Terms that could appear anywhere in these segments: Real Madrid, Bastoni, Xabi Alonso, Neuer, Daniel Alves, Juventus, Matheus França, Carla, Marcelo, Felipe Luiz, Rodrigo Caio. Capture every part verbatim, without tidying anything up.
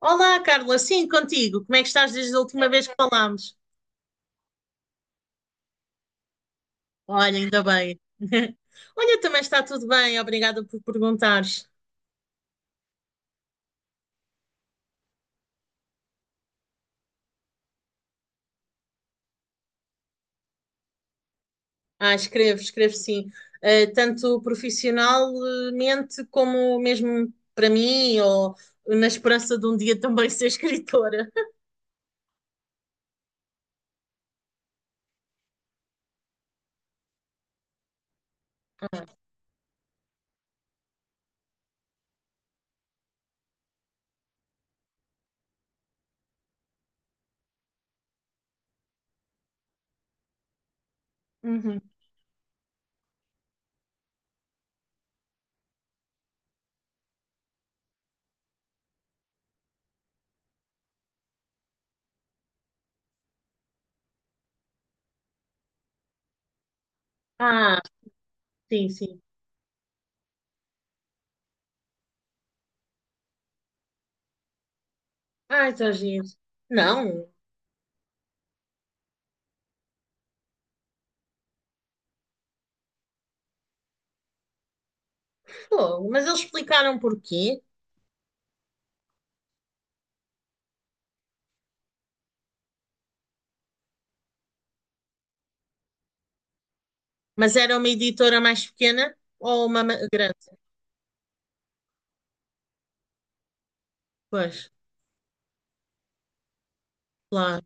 Olá, Carla, sim, contigo. Como é que estás desde a última vez que falámos? Olha, ainda bem. Olha, também está tudo bem, obrigada por perguntares. Ah, escrevo, escrevo sim. Eh, tanto profissionalmente como mesmo para mim, ou na esperança de um dia também ser escritora. Uhum. Ah, sim, sim. Ai, está giro. Não. Pô, mas eles explicaram porquê. Mas era uma editora mais pequena ou uma ma- grande? Pois, claro.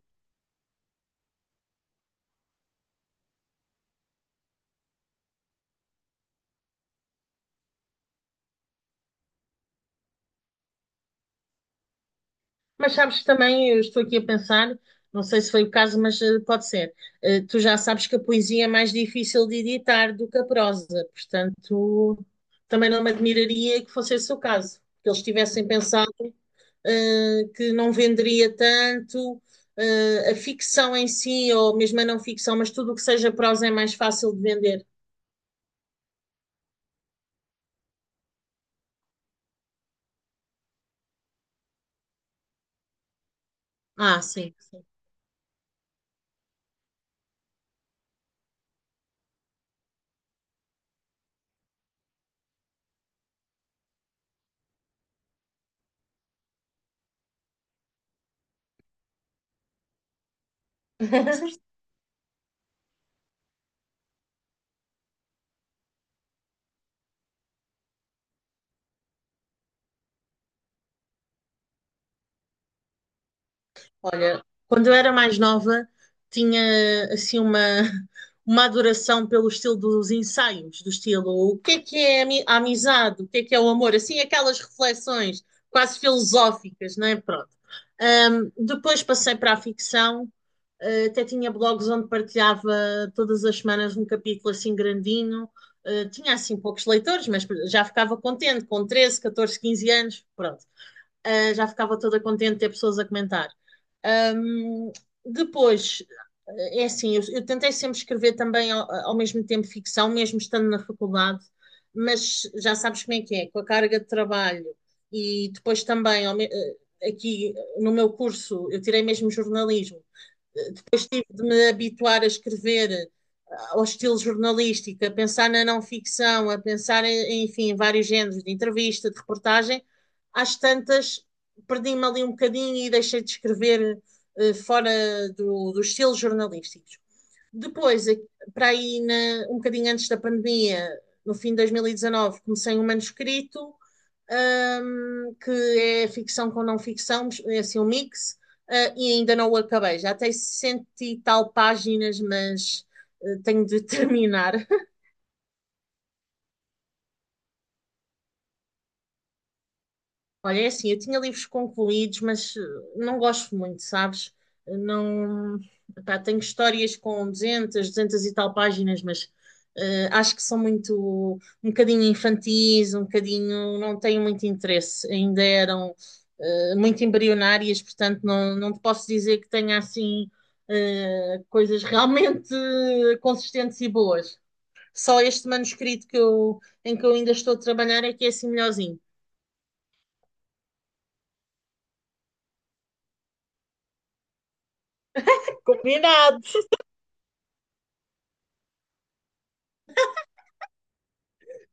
Mas sabes que também, eu estou aqui a pensar, não sei se foi o caso, mas eh, pode ser. Eh, tu já sabes que a poesia é mais difícil de editar do que a prosa, portanto, também não me admiraria que fosse esse o caso, que eles tivessem pensado, eh, que não venderia tanto, eh, a ficção em si, ou mesmo a não ficção, mas tudo o que seja prosa é mais fácil de vender. Ah, sim, sim. Olha, quando eu era mais nova, tinha assim uma, uma adoração pelo estilo dos ensaios, do estilo o que é que é a ami- a amizade, o que é que é o amor, assim aquelas reflexões quase filosóficas, não é? Pronto. Ahm, depois passei para a ficção, eh, até tinha blogs onde partilhava todas as semanas um capítulo assim grandinho. Eh, tinha assim poucos leitores, mas já ficava contente com treze, catorze, quinze anos, pronto, ah, já ficava toda contente de ter pessoas a comentar. Ahm, depois, É assim, eu, eu tentei sempre escrever também ao, ao mesmo tempo ficção, mesmo estando na faculdade, mas já sabes como é que é, com a carga de trabalho e depois também, ao me- eh, aqui no meu curso, eu tirei mesmo jornalismo, de me habituar a escrever, ah, ao estilo jornalístico, a pensar na não ficção, a pensar em, enfim, em vários géneros de entrevista, de reportagem. Às tantas perdi-me ali um bocadinho e deixei de escrever, eh, fora do, dos estilos jornalísticos. Depois, eh, para aí, na, um bocadinho antes da pandemia, no fim de dois mil e dezanove, comecei um manuscrito um, que é ficção com não ficção, é assim um mix. Uh, e ainda não o acabei. Já tem sessenta e tal páginas, mas uh, tenho de terminar. Olha, é assim, eu tinha livros concluídos, mas eh, não gosto muito, sabes? Eh, Não, pá, tenho histórias com duzentas, duzentas e tal páginas, mas eh, acho que são muito, um bocadinho infantis, um bocadinho, não tenho muito interesse. Ainda eram eh, muito embrionárias, portanto não, não te posso dizer que tenha assim, eh, coisas realmente eh, consistentes e boas. Só este manuscrito que eu, em que eu ainda estou a trabalhar é que é assim melhorzinho. Combinado!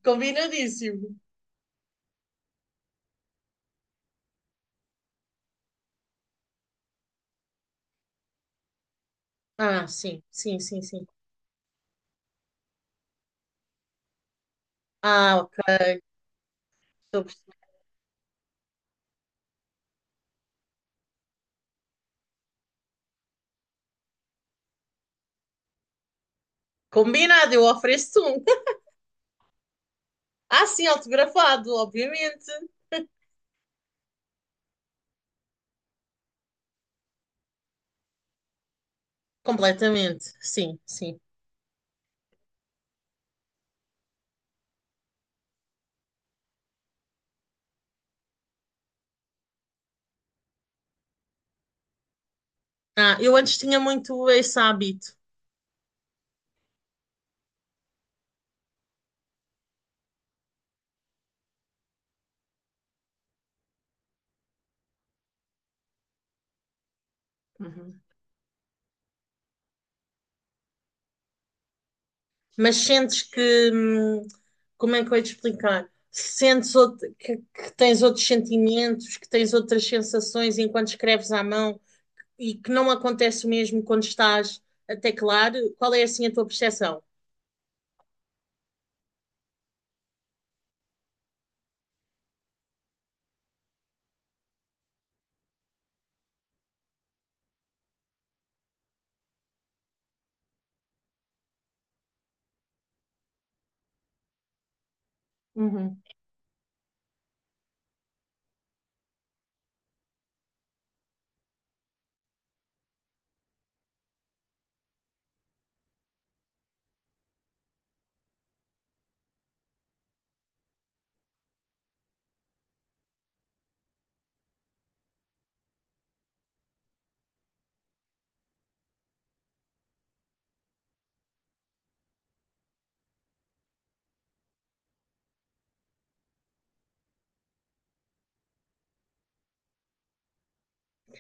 Combinadíssimo. Ah, sim, sim, sim, sim. Ah, ok. Estou a perceber. Combinado, eu ofereço um. Ah, sim, autografado, obviamente. Completamente, sim, sim. Ah, eu antes tinha muito esse hábito. Uhum. Mas sentes que, hum, como é que eu ia te explicar? Sentes outro- que, que tens outros sentimentos, que tens outras sensações enquanto escreves à mão? E que não acontece o mesmo quando estás a teclar, qual é assim a tua percepção? Uhum.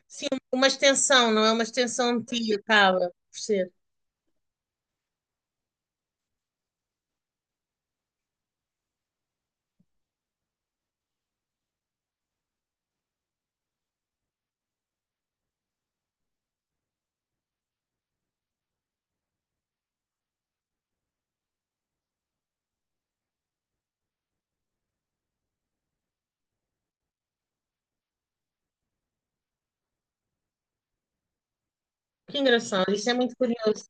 Sim, uma extensão, não é, uma extensão de ti, acaba por ser. Que engraçado, isso é muito curioso.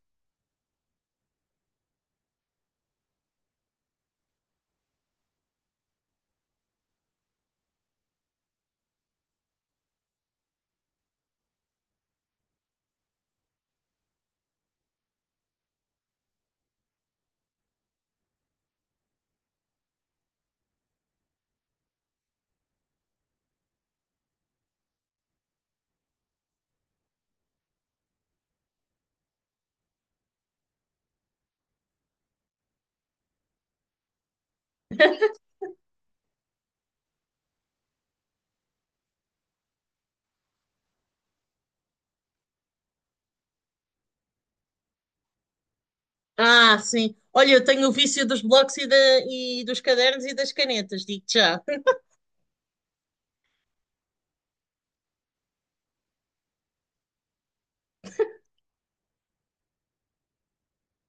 Ah, sim. Olha, eu tenho o vício dos blocos e da, e dos cadernos e das canetas, digo-te já.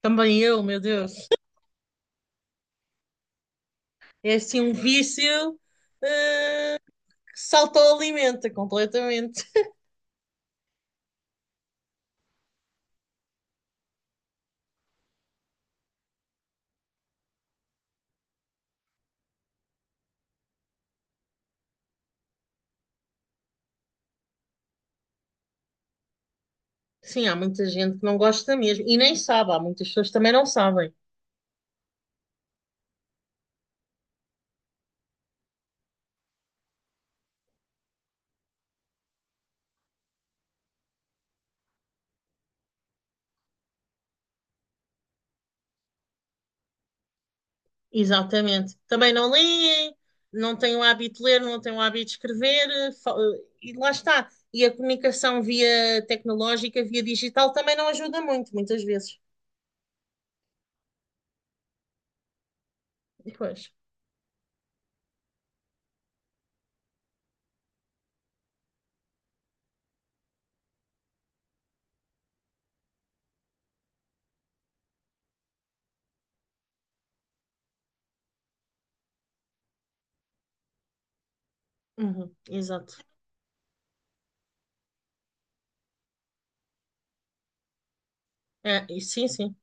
Também eu, meu Deus. É assim um vício que se autoalimenta completamente. Sim, há muita gente que não gosta mesmo e nem sabe, há muitas pessoas que também não sabem. Exatamente. Também não leem, não têm o hábito de ler, não têm o hábito de escrever. Eh, fa- eh, e lá está. E a comunicação via tecnológica, via digital, também não ajuda muito, muitas vezes. Pois. Uhum, exato. É, e sim, sim.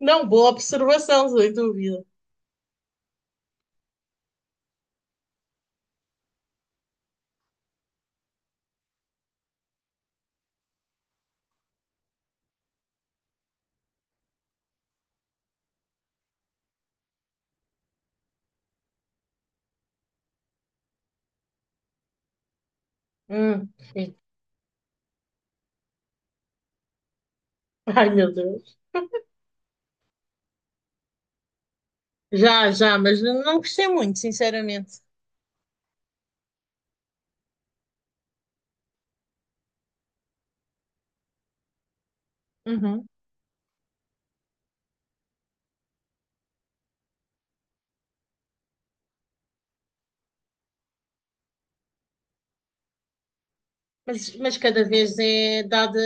Não, boa observação, sem dúvida. Hum. Ai, meu Deus. Já, já, mas não gostei muito, sinceramente. Uhum. Mas, mas cada vez é dada,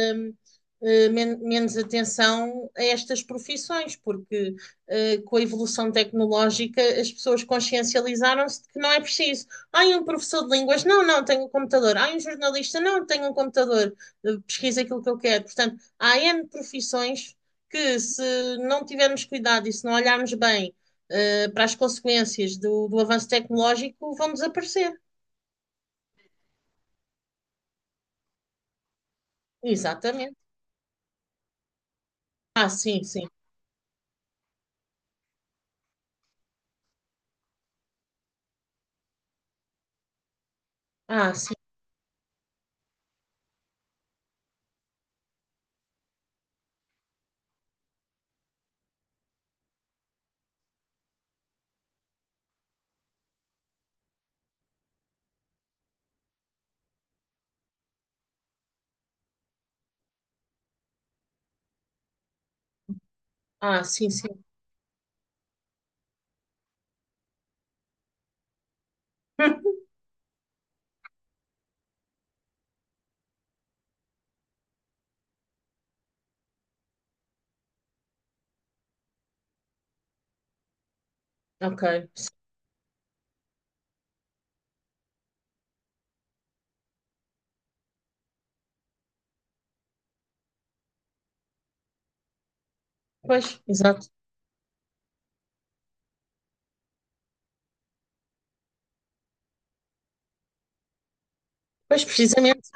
eh, men- menos atenção a estas profissões, porque eh, com a evolução tecnológica as pessoas consciencializaram-se de que não é preciso. Ai, um professor de línguas, não, não, tenho um computador. Ai, um jornalista, não, tenho um computador. Eh, pesquisa aquilo que eu quero. Portanto, há N profissões que, se não tivermos cuidado e se não olharmos bem eh, para as consequências do, do avanço tecnológico, vão desaparecer. Exatamente. Ah, sim, sim. Ah, sim. Ah, sim, sim. Ok. Pois, exato. Pois, precisamente.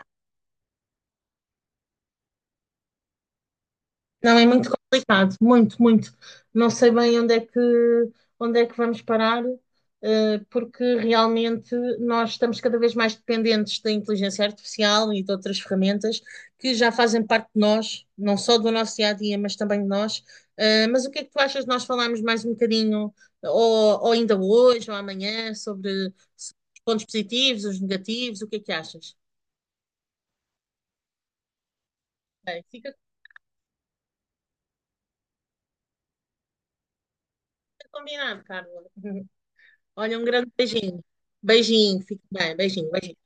Não, é muito complicado. Muito, muito. Não sei bem onde é que, onde é que vamos parar, eh, porque realmente nós estamos cada vez mais dependentes da inteligência artificial e de outras ferramentas que já fazem parte de nós, não só do nosso dia a dia, mas também de nós. Eh, mas o que é que tu achas de nós falarmos mais um bocadinho, ou, ou ainda hoje, ou amanhã, sobre, sobre os pontos positivos, os negativos? O que é que achas? Ok, fica. Combinado, Carla. Olha, um grande beijinho. Beijinho, fique bem. Beijinho, beijinho.